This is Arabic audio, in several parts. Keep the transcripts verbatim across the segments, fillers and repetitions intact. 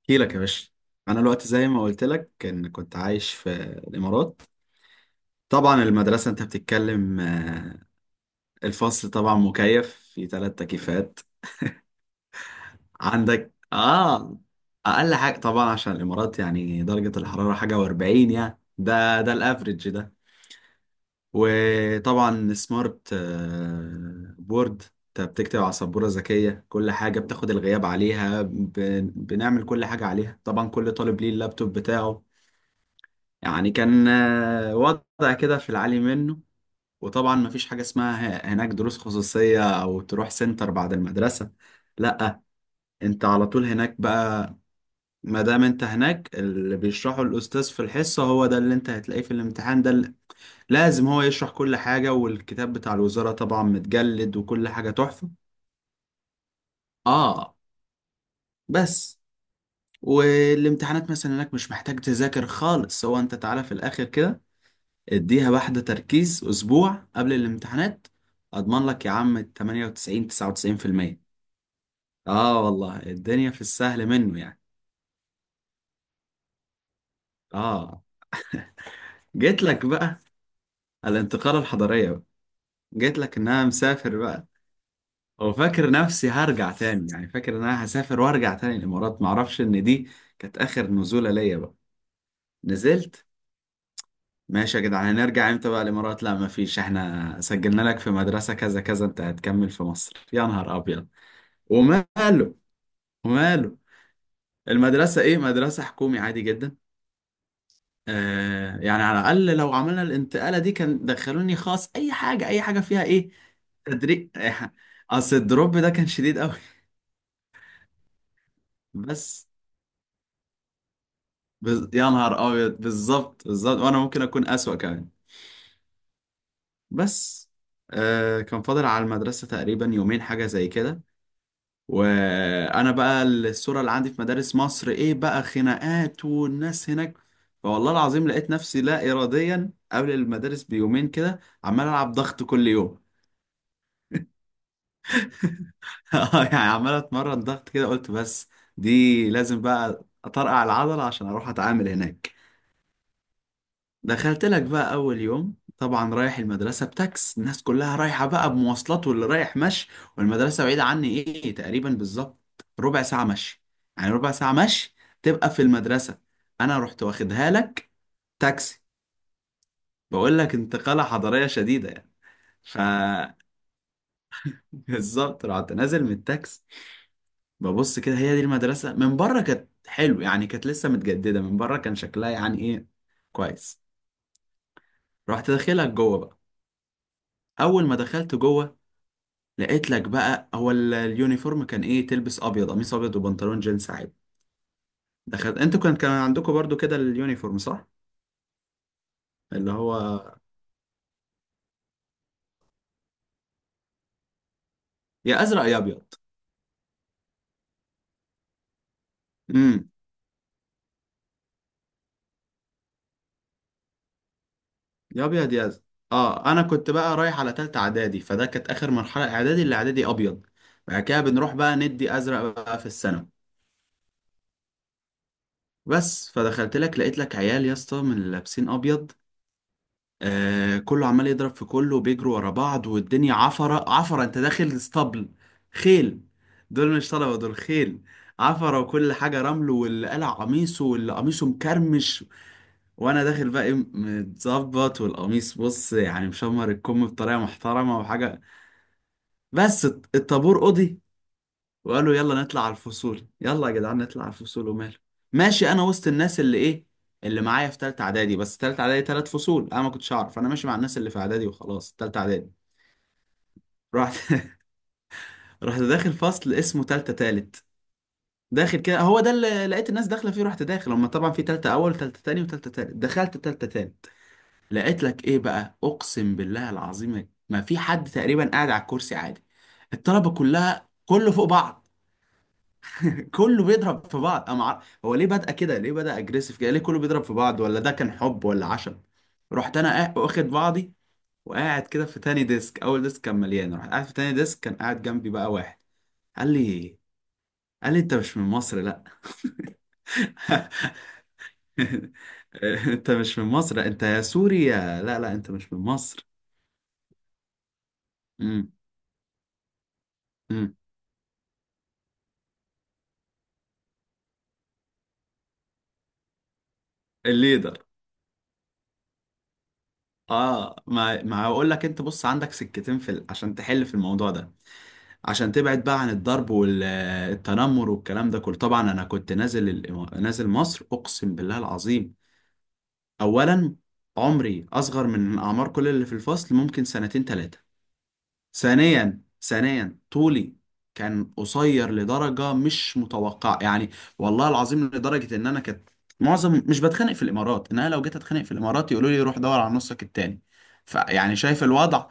احكي لك يا باشا. انا الوقت زي ما قلت لك كان كنت عايش في الامارات. طبعا المدرسه انت بتتكلم آه، الفصل طبعا مكيف في ثلاث تكييفات. عندك اه اقل حاجه طبعا، عشان الامارات يعني درجه الحراره حاجه واربعين. يعني ده ده الافريج ده، وطبعا سمارت آه، بورد، انت بتكتب على سبوره ذكيه كل حاجه بتاخد الغياب عليها بن- بنعمل كل حاجه عليها، طبعا كل طالب ليه اللابتوب بتاعه. يعني كان آه، وضع كده في العالي منه. وطبعا مفيش حاجة اسمها ه- هناك دروس خصوصية أو تروح سنتر بعد المدرسة، لأ، أنت على طول هناك بقى. ما دام أنت هناك، اللي بيشرحه الأستاذ في الحصة هو ده اللي أنت هتلاقيه في الامتحان، ده اللي لازم هو يشرح كل حاجة، والكتاب بتاع الوزارة طبعا متجلد وكل حاجة تحفة. آه، بس. والامتحانات مثلا هناك مش محتاج تذاكر خالص، هو أنت تعالى في الآخر كده اديها واحدة تركيز أسبوع قبل الامتحانات، أضمن لك يا عم تمانية وتسعين، تسعة وتسعين في المية. آه والله، الدنيا في السهل منه يعني. آه. جيت لك بقى الانتقالة الحضارية بقى، جيت لك إن أنا مسافر بقى. وفاكر نفسي هرجع تاني، يعني فاكر إن أنا هسافر وأرجع تاني الإمارات، معرفش إن دي كانت آخر نزولة ليا بقى. نزلت، ماشي يا جدعان هنرجع امتى بقى الامارات؟ لا مفيش، احنا سجلنا لك في مدرسة كذا كذا انت هتكمل في مصر. يا نهار ابيض. وماله، وماله. المدرسة إيه؟ مدرسة حكومي عادي جدا. آه يعني على الأقل لو عملنا الانتقالة دي كان دخلوني خاص، أي حاجة أي حاجة فيها إيه تدريب. أصل الدروب ده كان شديد أوي. بس بز... يا نهار أبيض، بالظبط بالظبط، وأنا ممكن أكون أسوأ كمان. بس آه كان فاضل على المدرسة تقريبا يومين حاجة زي كده، وانا بقى الصوره اللي عندي في مدارس مصر ايه بقى؟ خناقات والناس هناك. فوالله العظيم لقيت نفسي لا اراديا قبل المدارس بيومين كده عمال العب ضغط كل يوم. يعني عمال اتمرن ضغط كده، قلت بس دي لازم بقى اطرقع العضله عشان اروح اتعامل هناك. دخلت لك بقى اول يوم، طبعا رايح المدرسه بتاكس، الناس كلها رايحه بقى بمواصلات واللي رايح مشي، والمدرسه بعيده عني ايه تقريبا بالظبط؟ ربع ساعه مشي، يعني ربع ساعه مشي تبقى في المدرسه. انا رحت واخدها لك تاكسي، بقول لك انتقاله حضاريه شديده يعني. ف بالظبط. رحت نازل من التاكس، ببص كده هي دي المدرسه، من بره كانت حلو يعني، كانت لسه متجدده، من بره كان شكلها يعني ايه، كويس. رحت داخلك جوه بقى. اول ما دخلت جوه لقيت لك بقى هو ال- اليونيفورم كان ايه، تلبس ابيض، قميص ابيض وبنطلون جينز عادي. دخلت انتوا كان كان عندكم برضو كده اليونيفورم صح، اللي هو يا ازرق يا ابيض. امم. يا ابيض يا ازرق. اه انا كنت بقى رايح على تالتة اعدادي، فده كانت اخر مرحلة اعدادي، اللي اعدادي ابيض، بعد كده بنروح بقى ندي ازرق بقى في الثانوي. بس فدخلت لك لقيت لك عيال يا اسطى من اللي لابسين ابيض، آه كله عمال يضرب في كله وبيجروا ورا بعض، والدنيا عفرة عفرة، انت داخل اسطبل خيل. دول مش طلبة، دول خيل. عفرة وكل حاجة رمل، واللي قلع قميصه واللي قميصه مكرمش، وانا داخل بقى ايه متظبط، والقميص بص يعني مشمر الكم بطريقة محترمة وحاجة. بس الط- الطابور قضي، وقالوا يلا نطلع على الفصول، يلا يا جدعان نطلع على الفصول. وماله، ماشي، انا وسط الناس اللي ايه، اللي معايا في تالتة اعدادي، بس تالتة اعدادي تلات فصول انا ما كنتش اعرف، انا ماشي مع الناس اللي في اعدادي وخلاص تالتة اعدادي. رحت. رحت داخل فصل اسمه تالتة تالت، داخل كده هو ده اللي لقيت الناس داخله فيه، رحت داخل، هما طبعا في تالتة اول تالتة تاني وتالتة تالت، دخلت تالتة تالت. لقيت لك ايه بقى؟ اقسم بالله العظيم ما في حد تقريبا قاعد على الكرسي عادي، الطلبه كلها كله فوق بعض، كله بيضرب في بعض. أنا مع... هو ليه بدأ كده؟ ليه بدأ اجريسيف كده؟ ليه كله بيضرب في بعض؟ ولا ده كان حب ولا عشم؟ رحت انا قا- واخد بعضي، وقاعد كده في تاني ديسك، اول ديسك كان مليان، رحت قاعد في تاني ديسك، كان قاعد جنبي بقى واحد، قال لي، قال لي انت مش من مصر؟ لا. انت مش من مصر، انت يا سوريا؟ لا لا، انت مش من مصر. امم. امم. الليدر. اه، ما ما هقول لك، انت بص عندك سكتين في ال... عشان تحل في الموضوع ده، عشان تبعد بقى عن الضرب والتنمر والكلام ده كله. طبعا انا كنت نازل ال- نازل مصر، اقسم بالله العظيم، اولا عمري اصغر من اعمار كل اللي في الفصل، ممكن سنتين ثلاثة. ثانيا، ثانيا طولي كان قصير لدرجة مش متوقعة يعني. والله العظيم لدرجة ان انا كنت معظم مش بتخانق في الامارات، ان انا لو جيت اتخانق في الامارات يقولوا لي روح دور على نصك التاني. فيعني شايف الوضع.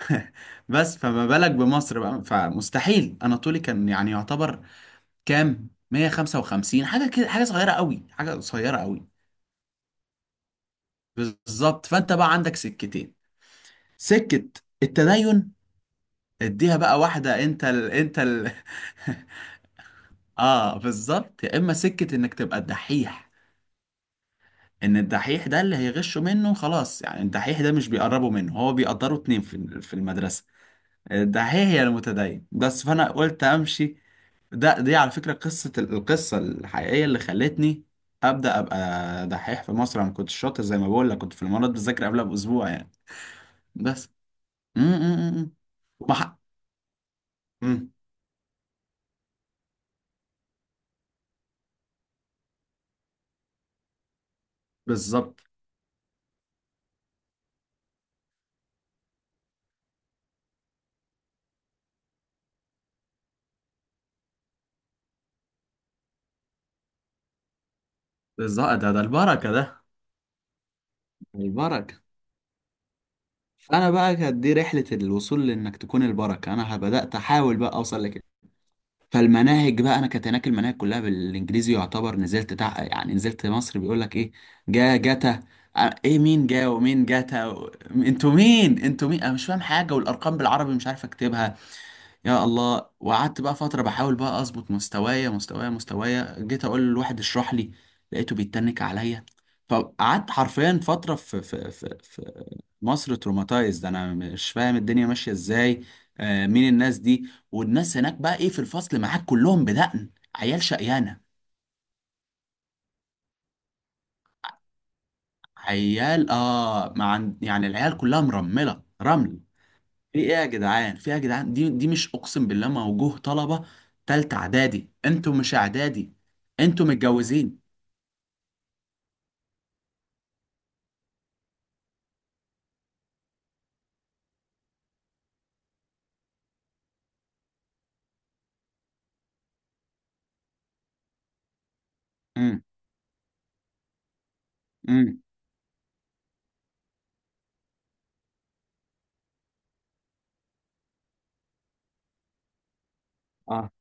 بس فما بالك بمصر بقى؟ فمستحيل. انا طولي كان يعني يعتبر كام، مية وخمسة وخمسين حاجه كده، حاجه صغيره قوي، حاجه قصيره قوي. بالظبط. فانت بقى عندك سكتين، سكه التدين، اديها بقى واحده، انت ال... انت ال... اه بالظبط. يا اما سكه انك تبقى الدحيح، ان الدحيح ده اللي هيغشوا منه خلاص، يعني الدحيح ده مش بيقربوا منه، هو بيقدروا اتنين في في المدرسه، الدحيح يا المتدين. بس فانا قلت امشي. ده دي على فكرة قصة، القصة الحقيقية اللي خلتني أبدأ أبقى دحيح في مصر، أنا ما كنتش شاطر زي ما بقول لك، كنت في الإمارات بذاكر قبلها بأسبوع يعني. بس. م- م- م- م. وبح... م. بالظبط، بالظبط، ده ده البركة ده، البركة. فأنا بقى كانت دي رحلة الوصول لإنك تكون البركة، أنا بدأت أحاول بقى أوصل لكده. فالمناهج بقى انا كانت هناك المناهج كلها بالانجليزي يعتبر، نزلت تع... يعني نزلت مصر بيقول لك ايه، جا جاتا. آه، ايه مين جا ومين جاتا و... انتوا مين؟ انتوا مين؟ انا مش فاهم حاجه، والارقام بالعربي مش عارف اكتبها، يا الله. وقعدت بقى فتره بحاول بقى اظبط مستوايا، مستوايا مستوايا جيت اقول للواحد اشرح لي، لقيته بيتنك عليا. فقعدت حرفيا فتره في في في, في... مصر تروماتايزد، انا مش فاهم الدنيا ماشيه ازاي. آه مين الناس دي؟ والناس هناك بقى ايه في الفصل معاك، كلهم بدقن، عيال شقيانه. عيال اه، مع يعني العيال كلها مرمله رمل. في ايه يا جدعان؟ في ايه يا جدعان؟ دي دي مش اقسم بالله موجوه طلبه، تالتة اعدادي انتوا مش اعدادي، انتوا متجوزين. امم. امم. اه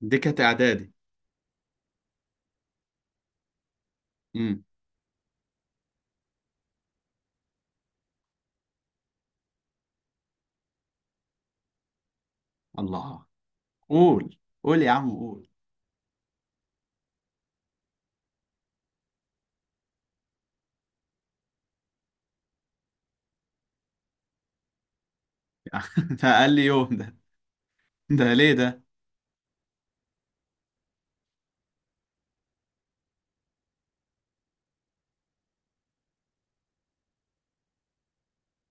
دي كانت اعدادي. امم. الله. قول، قول يا عم قول. ده اقل يوم ده؟ ده ليه ده؟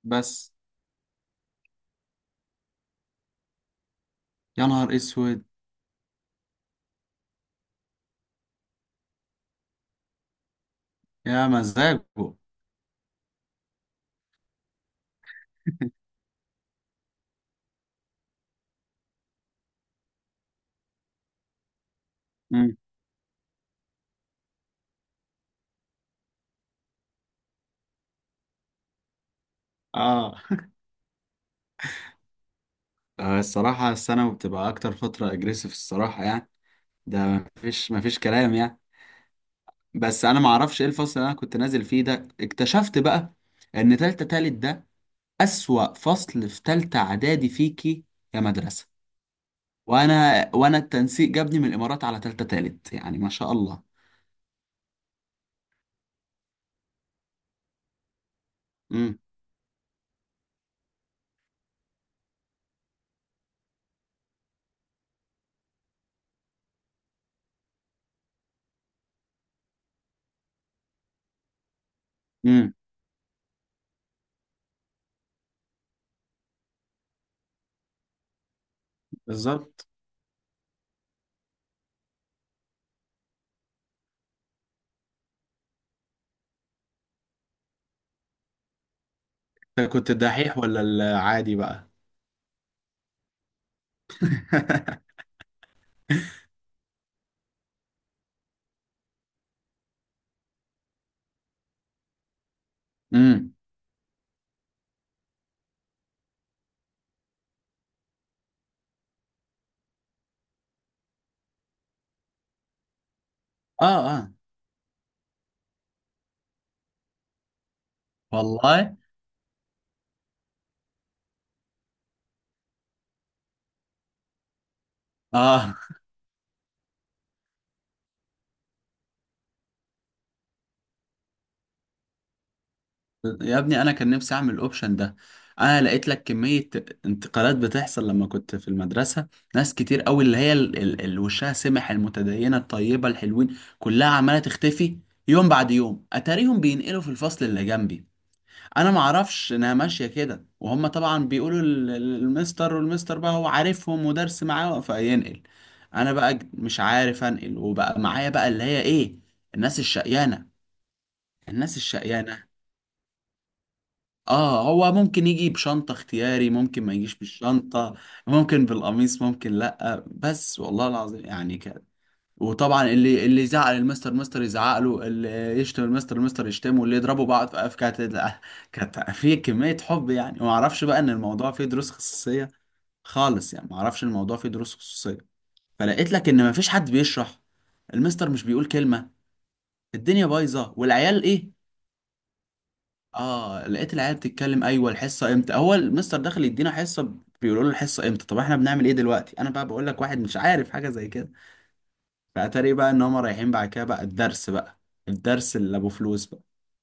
بس يا نهار اسود، يا مزاجه. مم. اه. آه، الصراحة الثانوي بتبقى أكتر فترة أجريسيف الصراحة يعني. ده مفيش مفيش كلام يعني. بس أنا معرفش إيه الفصل اللي أنا كنت نازل فيه ده، اكتشفت بقى إن تالتة تالت ده أسوأ فصل في تالتة إعدادي فيكي يا مدرسة. وأنا وأنا التنسيق جابني من الإمارات على تالتة تالت، يعني ما شاء الله. امم. امم. بالظبط. أنت كنت الدحيح ولا العادي بقى؟ امم. اه. اه والله. اه. يا ابني انا كان نفسي اعمل الاوبشن ده. انا لقيت لك كمية انتقالات بتحصل لما كنت في المدرسة، ناس كتير قوي اللي هي ال- ال- اللي وشها سمح المتدينة الطيبة الحلوين كلها عمالة تختفي يوم بعد يوم، اتاريهم بينقلوا في الفصل اللي جنبي، انا ما اعرفش انها ماشية كده، وهم طبعا بيقولوا ال- ال- المستر، والمستر بقى هو عارفهم ودرس معاه فينقل. انا بقى ج- مش عارف انقل، وبقى معايا بقى اللي هي ايه، الناس الشقيانة، الناس الشقيانة. اه هو ممكن يجي بشنطة اختياري، ممكن ما يجيش بالشنطة، ممكن بالقميص، ممكن لأ، بس والله العظيم يعني كده. وطبعا اللي اللي يزعل المستر، مستر يزعق له، اللي يشتم المستر، المستر يشتمه، واللي يضربوا بعض في كانت لا، كانت في كمية حب يعني، وما اعرفش بقى ان الموضوع فيه دروس خصوصية خالص، يعني ما اعرفش إن الموضوع فيه دروس خصوصية. فلقيت لك ان ما فيش حد بيشرح، المستر مش بيقول كلمة، الدنيا بايظة، والعيال ايه، اه لقيت العيال بتتكلم، ايوه الحصه امتى؟ هو المستر داخل يدينا حصه؟ بيقولوا له الحصه امتى؟ طب احنا بنعمل ايه دلوقتي؟ انا بقى بقول لك واحد مش عارف حاجه زي كده. فاتاري بقى ان هم رايحين بعد كده بقى الدرس بقى، الدرس اللي ابو فلوس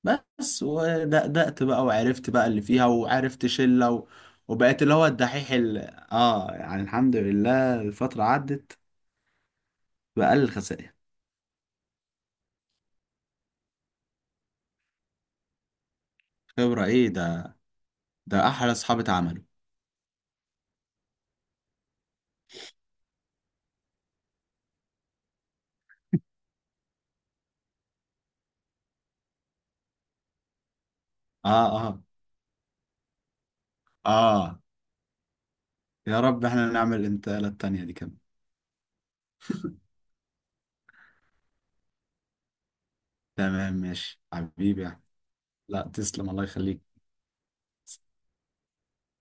بقى. بس ودقدقت بقى وعرفت بقى اللي فيها، وعرفت شله و... وبقيت اللي هو الدحيح ال... اه يعني الحمد لله الفتره عدت بأقل الخسائر. خبره ايه ده؟ ده احلى اصحابي اتعملوا. اه، اه. اه يا رب احنا نعمل الانتقاله التانيه دي كمان. تمام ماشي حبيبي يا أحمد. لا تسلم، الله يخليك.